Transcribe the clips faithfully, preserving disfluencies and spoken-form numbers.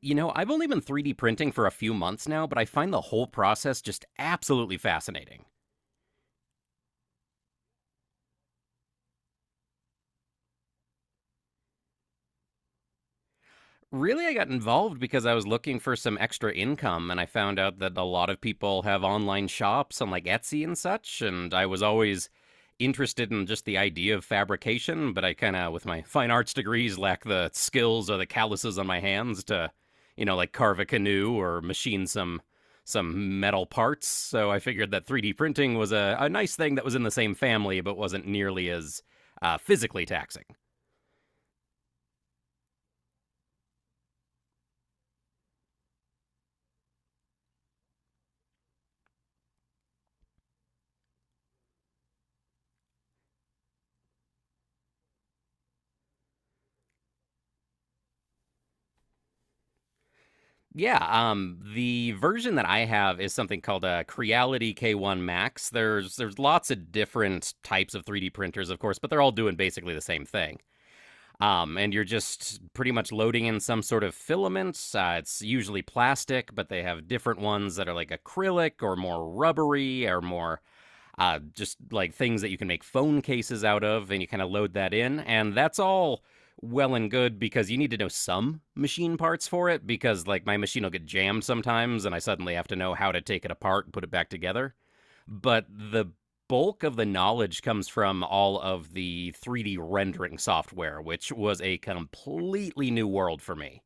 You know, I've only been three D printing for a few months now, but I find the whole process just absolutely fascinating. Really, I got involved because I was looking for some extra income, and I found out that a lot of people have online shops on like Etsy and such. And I was always interested in just the idea of fabrication, but I kind of, with my fine arts degrees, lack the skills or the calluses on my hands to, you know, like carve a canoe or machine some some metal parts. So I figured that three D printing was a, a nice thing that was in the same family, but wasn't nearly as uh, physically taxing. Yeah, um, the version that I have is something called a Creality K one Max. There's there's lots of different types of three D printers, of course, but they're all doing basically the same thing. Um, and you're just pretty much loading in some sort of filaments. Uh, it's usually plastic, but they have different ones that are like acrylic or more rubbery or more uh, just like things that you can make phone cases out of, and you kind of load that in. And that's all well and good because you need to know some machine parts for it because, like, my machine will get jammed sometimes, and I suddenly have to know how to take it apart and put it back together. But the bulk of the knowledge comes from all of the three D rendering software, which was a completely new world for me.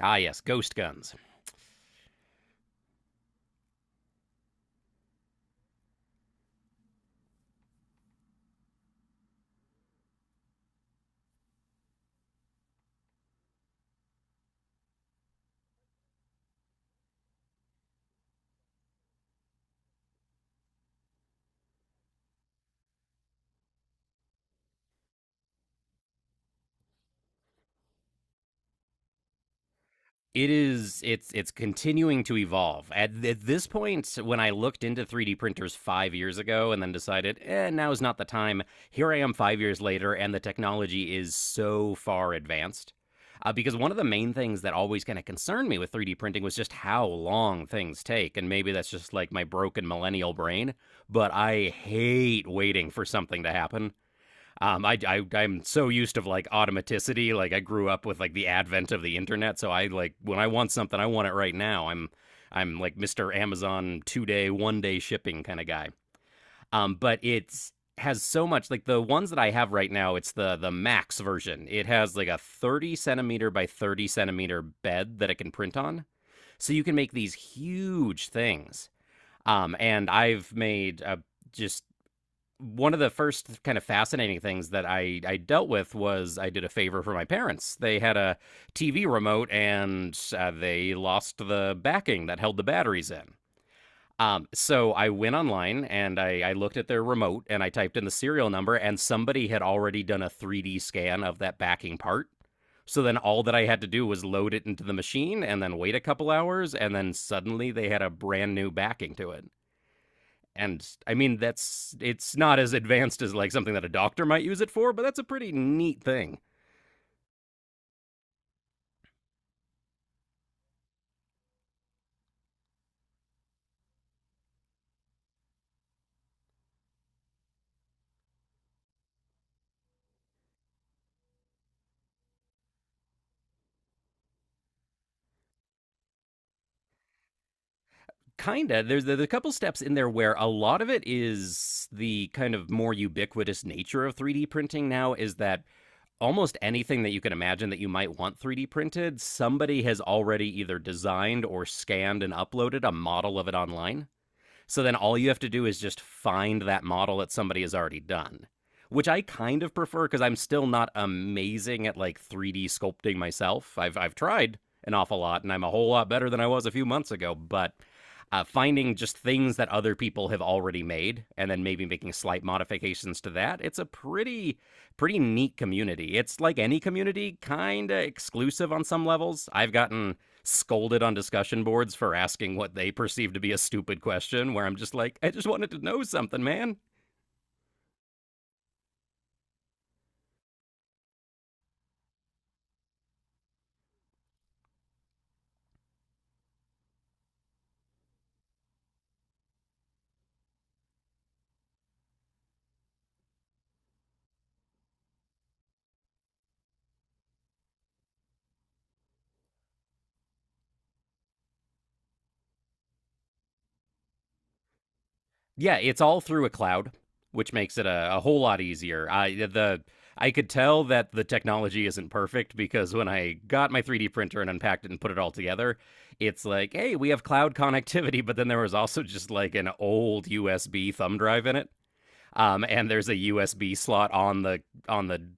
Ah, yes, ghost guns. It is it's it's continuing to evolve. At, at this point, when I looked into three D printers five years ago and then decided, eh, now is not the time. Here I am five years later, and the technology is so far advanced. Uh, because one of the main things that always kind of concerned me with three D printing was just how long things take, and maybe that's just like my broken millennial brain. But I hate waiting for something to happen. Um, I, I I'm so used to like automaticity. Like I grew up with like the advent of the internet, so I like when I want something, I want it right now. I'm I'm like mister Amazon two day, one day shipping kind of guy. Um, but it's has so much like the ones that I have right now. It's the the max version. It has like a thirty centimeter by thirty centimeter bed that it can print on, so you can make these huge things. Um, and I've made a just one of the first kind of fascinating things that I, I dealt with was I did a favor for my parents. They had a T V remote and uh, they lost the backing that held the batteries in. Um, so I went online and I, I looked at their remote and I typed in the serial number, and somebody had already done a three D scan of that backing part. So then all that I had to do was load it into the machine and then wait a couple hours, and then suddenly they had a brand new backing to it. And I mean, that's it's not as advanced as like something that a doctor might use it for, but that's a pretty neat thing. Kinda. There's, there's a couple steps in there where a lot of it is the kind of more ubiquitous nature of three D printing now is that almost anything that you can imagine that you might want three D printed, somebody has already either designed or scanned and uploaded a model of it online. So then all you have to do is just find that model that somebody has already done, which I kind of prefer because I'm still not amazing at like three D sculpting myself. I've I've tried an awful lot and I'm a whole lot better than I was a few months ago, but uh, finding just things that other people have already made and then maybe making slight modifications to that, it's a pretty pretty neat community. It's like any community, kind of exclusive on some levels. I've gotten scolded on discussion boards for asking what they perceive to be a stupid question, where I'm just like, I just wanted to know something, man. Yeah, it's all through a cloud, which makes it a, a whole lot easier. I the I could tell that the technology isn't perfect because when I got my three D printer and unpacked it and put it all together, it's like, hey, we have cloud connectivity, but then there was also just like an old U S B thumb drive in it. um, and there's a U S B slot on the on the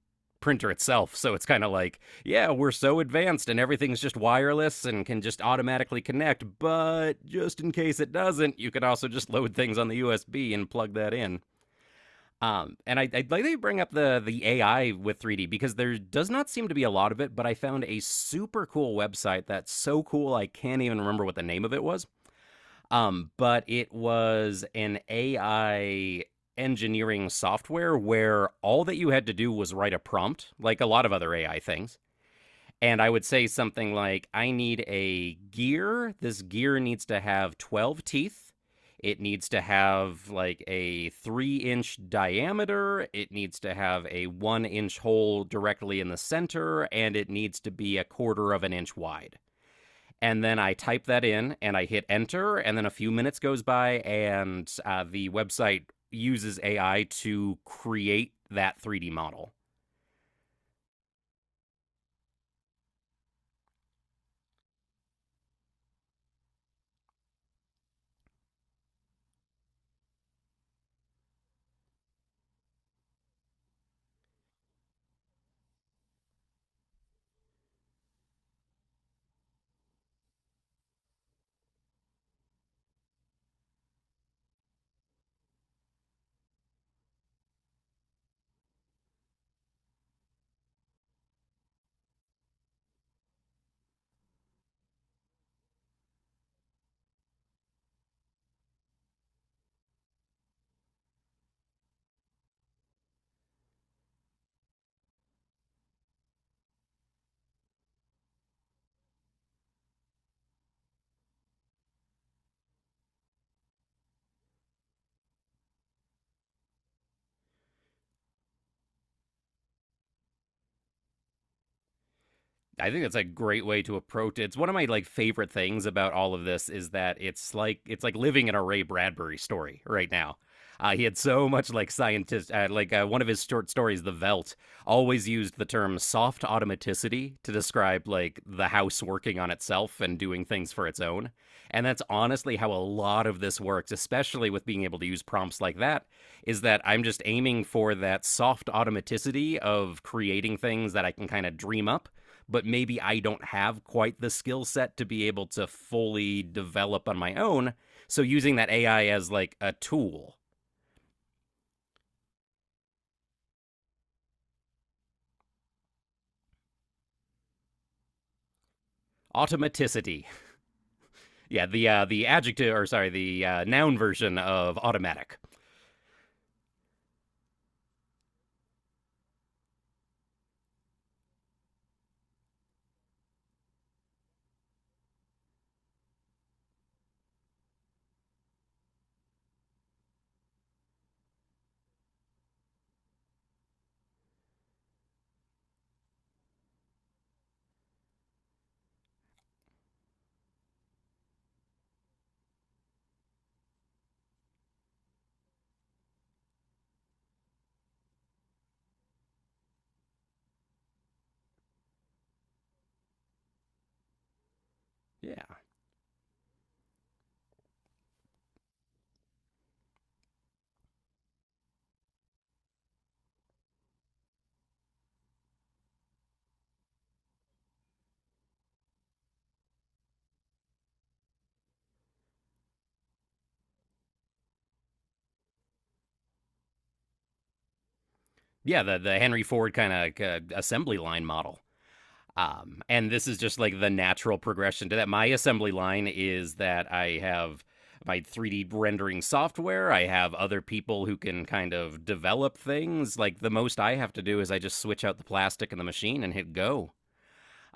printer itself. So it's kind of like, yeah, we're so advanced and everything's just wireless and can just automatically connect. But just in case it doesn't, you can also just load things on the U S B and plug that in. Um, and I, I'd like to bring up the the A I with three D because there does not seem to be a lot of it, but I found a super cool website that's so cool I can't even remember what the name of it was um, but it was an A I engineering software where all that you had to do was write a prompt, like a lot of other A I things. And I would say something like, I need a gear. This gear needs to have twelve teeth. It needs to have like a three inch diameter. It needs to have a one inch hole directly in the center. And it needs to be a quarter of an inch wide, and then I type that in and I hit enter. And then a few minutes goes by and uh, the website uses A I to create that three D model. I think that's a great way to approach it. It's one of my like favorite things about all of this is that it's like it's like living in a Ray Bradbury story right now. Uh, he had so much like scientist, uh, like uh, one of his short stories, The Velt, always used the term soft automaticity to describe like the house working on itself and doing things for its own. And that's honestly how a lot of this works, especially with being able to use prompts like that, is that I'm just aiming for that soft automaticity of creating things that I can kind of dream up, but maybe I don't have quite the skill set to be able to fully develop on my own. So using that A I as like a tool. Automaticity. Yeah, the uh, the adjective, or sorry, the uh, noun version of automatic. Yeah. Yeah, the the Henry Ford kind of uh, assembly line model. Um, and this is just like the natural progression to that. My assembly line is that I have my three D rendering software. I have other people who can kind of develop things. Like the most I have to do is I just switch out the plastic in the machine and hit go.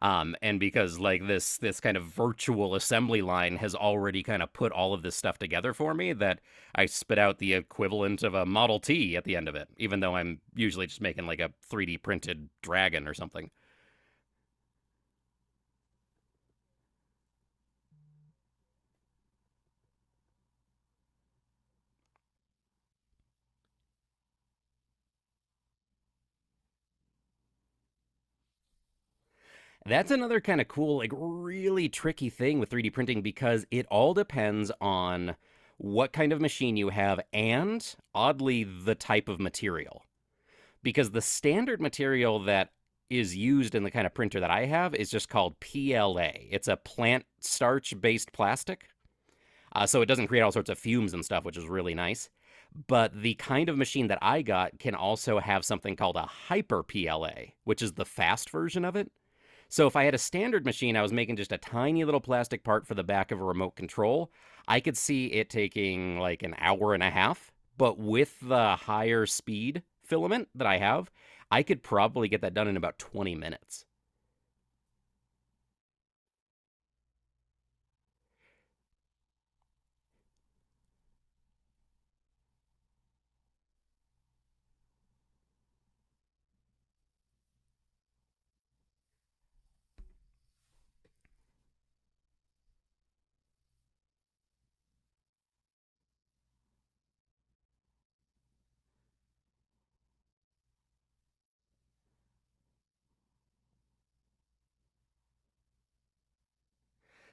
Um, and because like this this kind of virtual assembly line has already kind of put all of this stuff together for me, that I spit out the equivalent of a Model T at the end of it, even though I'm usually just making like a three D printed dragon or something. That's another kind of cool, like really tricky thing with three D printing because it all depends on what kind of machine you have and oddly the type of material. Because the standard material that is used in the kind of printer that I have is just called P L A. It's a plant starch based plastic. Uh, so it doesn't create all sorts of fumes and stuff, which is really nice. But the kind of machine that I got can also have something called a hyper P L A, which is the fast version of it. So if I had a standard machine, I was making just a tiny little plastic part for the back of a remote control. I could see it taking like an hour and a half, but with the higher speed filament that I have, I could probably get that done in about twenty minutes.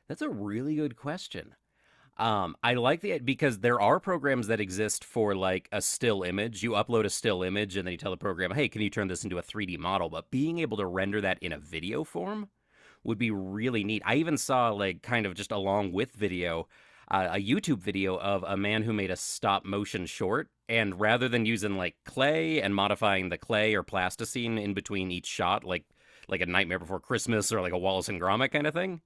That's a really good question. Um, I like the because there are programs that exist for like a still image. You upload a still image and then you tell the program, "Hey, can you turn this into a three D model?" But being able to render that in a video form, would be really neat. I even saw like kind of just along with video uh, a YouTube video of a man who made a stop motion short. And rather than using like clay and modifying the clay or plasticine in between each shot, like like a Nightmare Before Christmas or like a Wallace and Gromit kind of thing,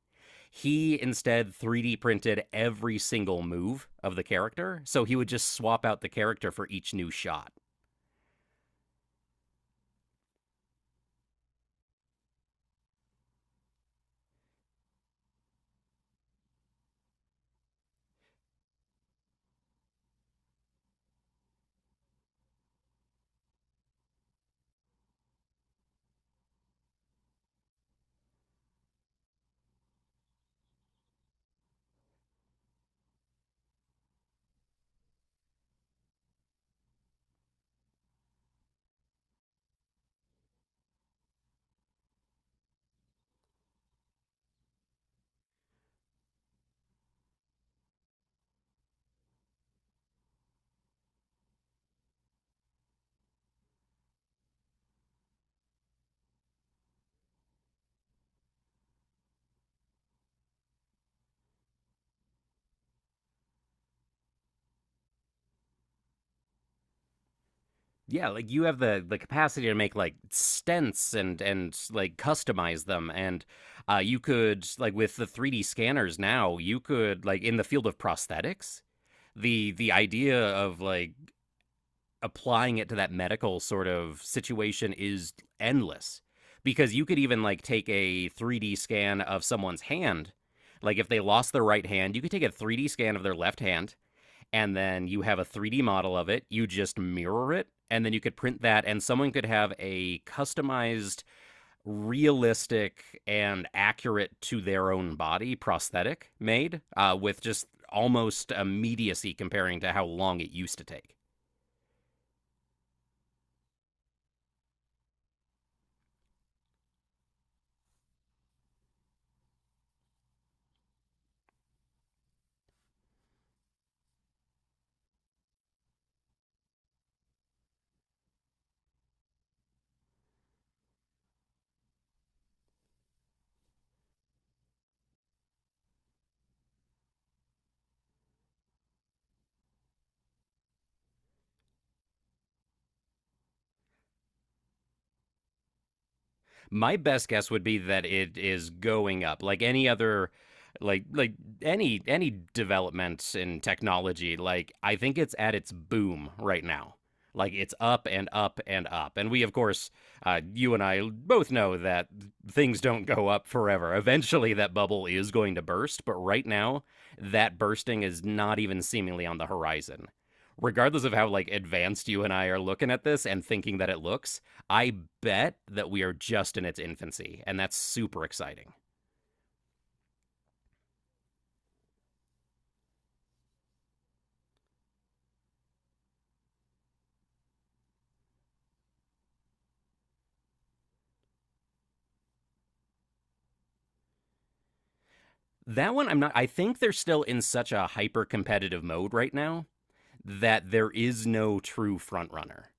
he instead three D printed every single move of the character. So he would just swap out the character for each new shot. Yeah, like you have the the capacity to make like stents and and like customize them and uh you could like with the three D scanners now, you could like in the field of prosthetics, the the idea of like applying it to that medical sort of situation is endless because you could even like take a three D scan of someone's hand. Like if they lost their right hand, you could take a three D scan of their left hand and then you have a three D model of it. You just mirror it, and then you could print that, and someone could have a customized, realistic, and accurate to their own body prosthetic made uh, with just almost immediacy comparing to how long it used to take. My best guess would be that it is going up, like any other, like like any any developments in technology. Like I think it's at its boom right now. Like it's up and up and up. And we, of course, uh, you and I both know that things don't go up forever. Eventually, that bubble is going to burst. But right now, that bursting is not even seemingly on the horizon regardless of how like advanced you and I are looking at this and thinking that it looks, I bet that we are just in its infancy, and that's super exciting. That one, I'm not. I think they're still in such a hyper competitive mode right now that there is no true front runner.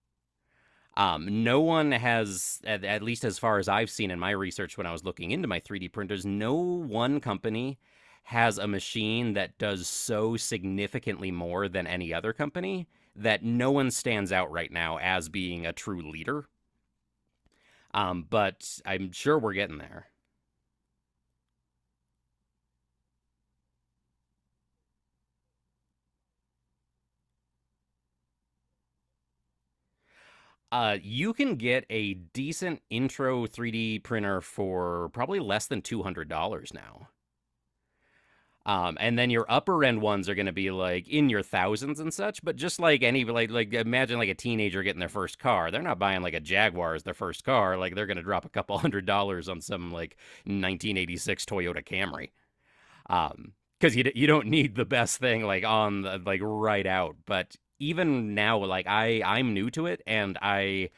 Um, no one has, at, at least as far as I've seen in my research when I was looking into my three D printers, no one company has a machine that does so significantly more than any other company that no one stands out right now as being a true leader. Um, but I'm sure we're getting there. Uh, you can get a decent intro three D printer for probably less than two hundred dollars now. Um, and then your upper end ones are going to be like in your thousands and such. But just like any, like, like imagine like a teenager getting their first car. They're not buying like a Jaguar as their first car. Like they're going to drop a couple hundred dollars on some like nineteen eighty-six Toyota Camry. Um, because you you don't need the best thing like on the, like right out. But even now, like I I'm new to it, and I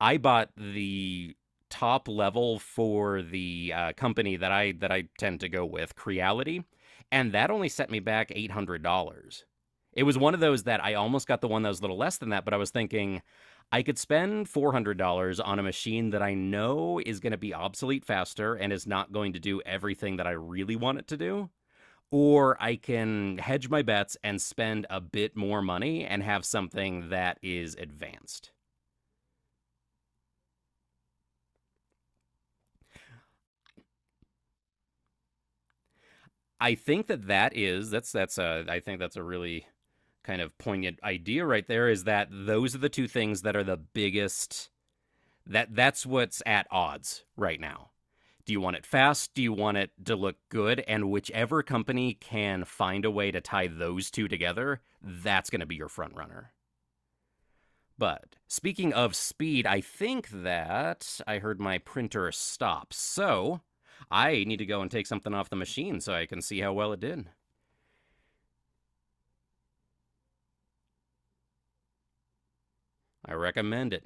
I bought the top level for the uh, company that I that I tend to go with, Creality, and that only set me back eight hundred dollars. It was one of those that I almost got the one that was a little less than that, but I was thinking I could spend four hundred dollars on a machine that I know is going to be obsolete faster and is not going to do everything that I really want it to do. Or I can hedge my bets and spend a bit more money and have something that is advanced. I think that that is that's that's a I think that's a really kind of poignant idea right there is that those are the two things that are the biggest that that's what's at odds right now. Do you want it fast? Do you want it to look good? And whichever company can find a way to tie those two together, that's going to be your front runner. But speaking of speed, I think that I heard my printer stop. So I need to go and take something off the machine so I can see how well it did. I recommend it.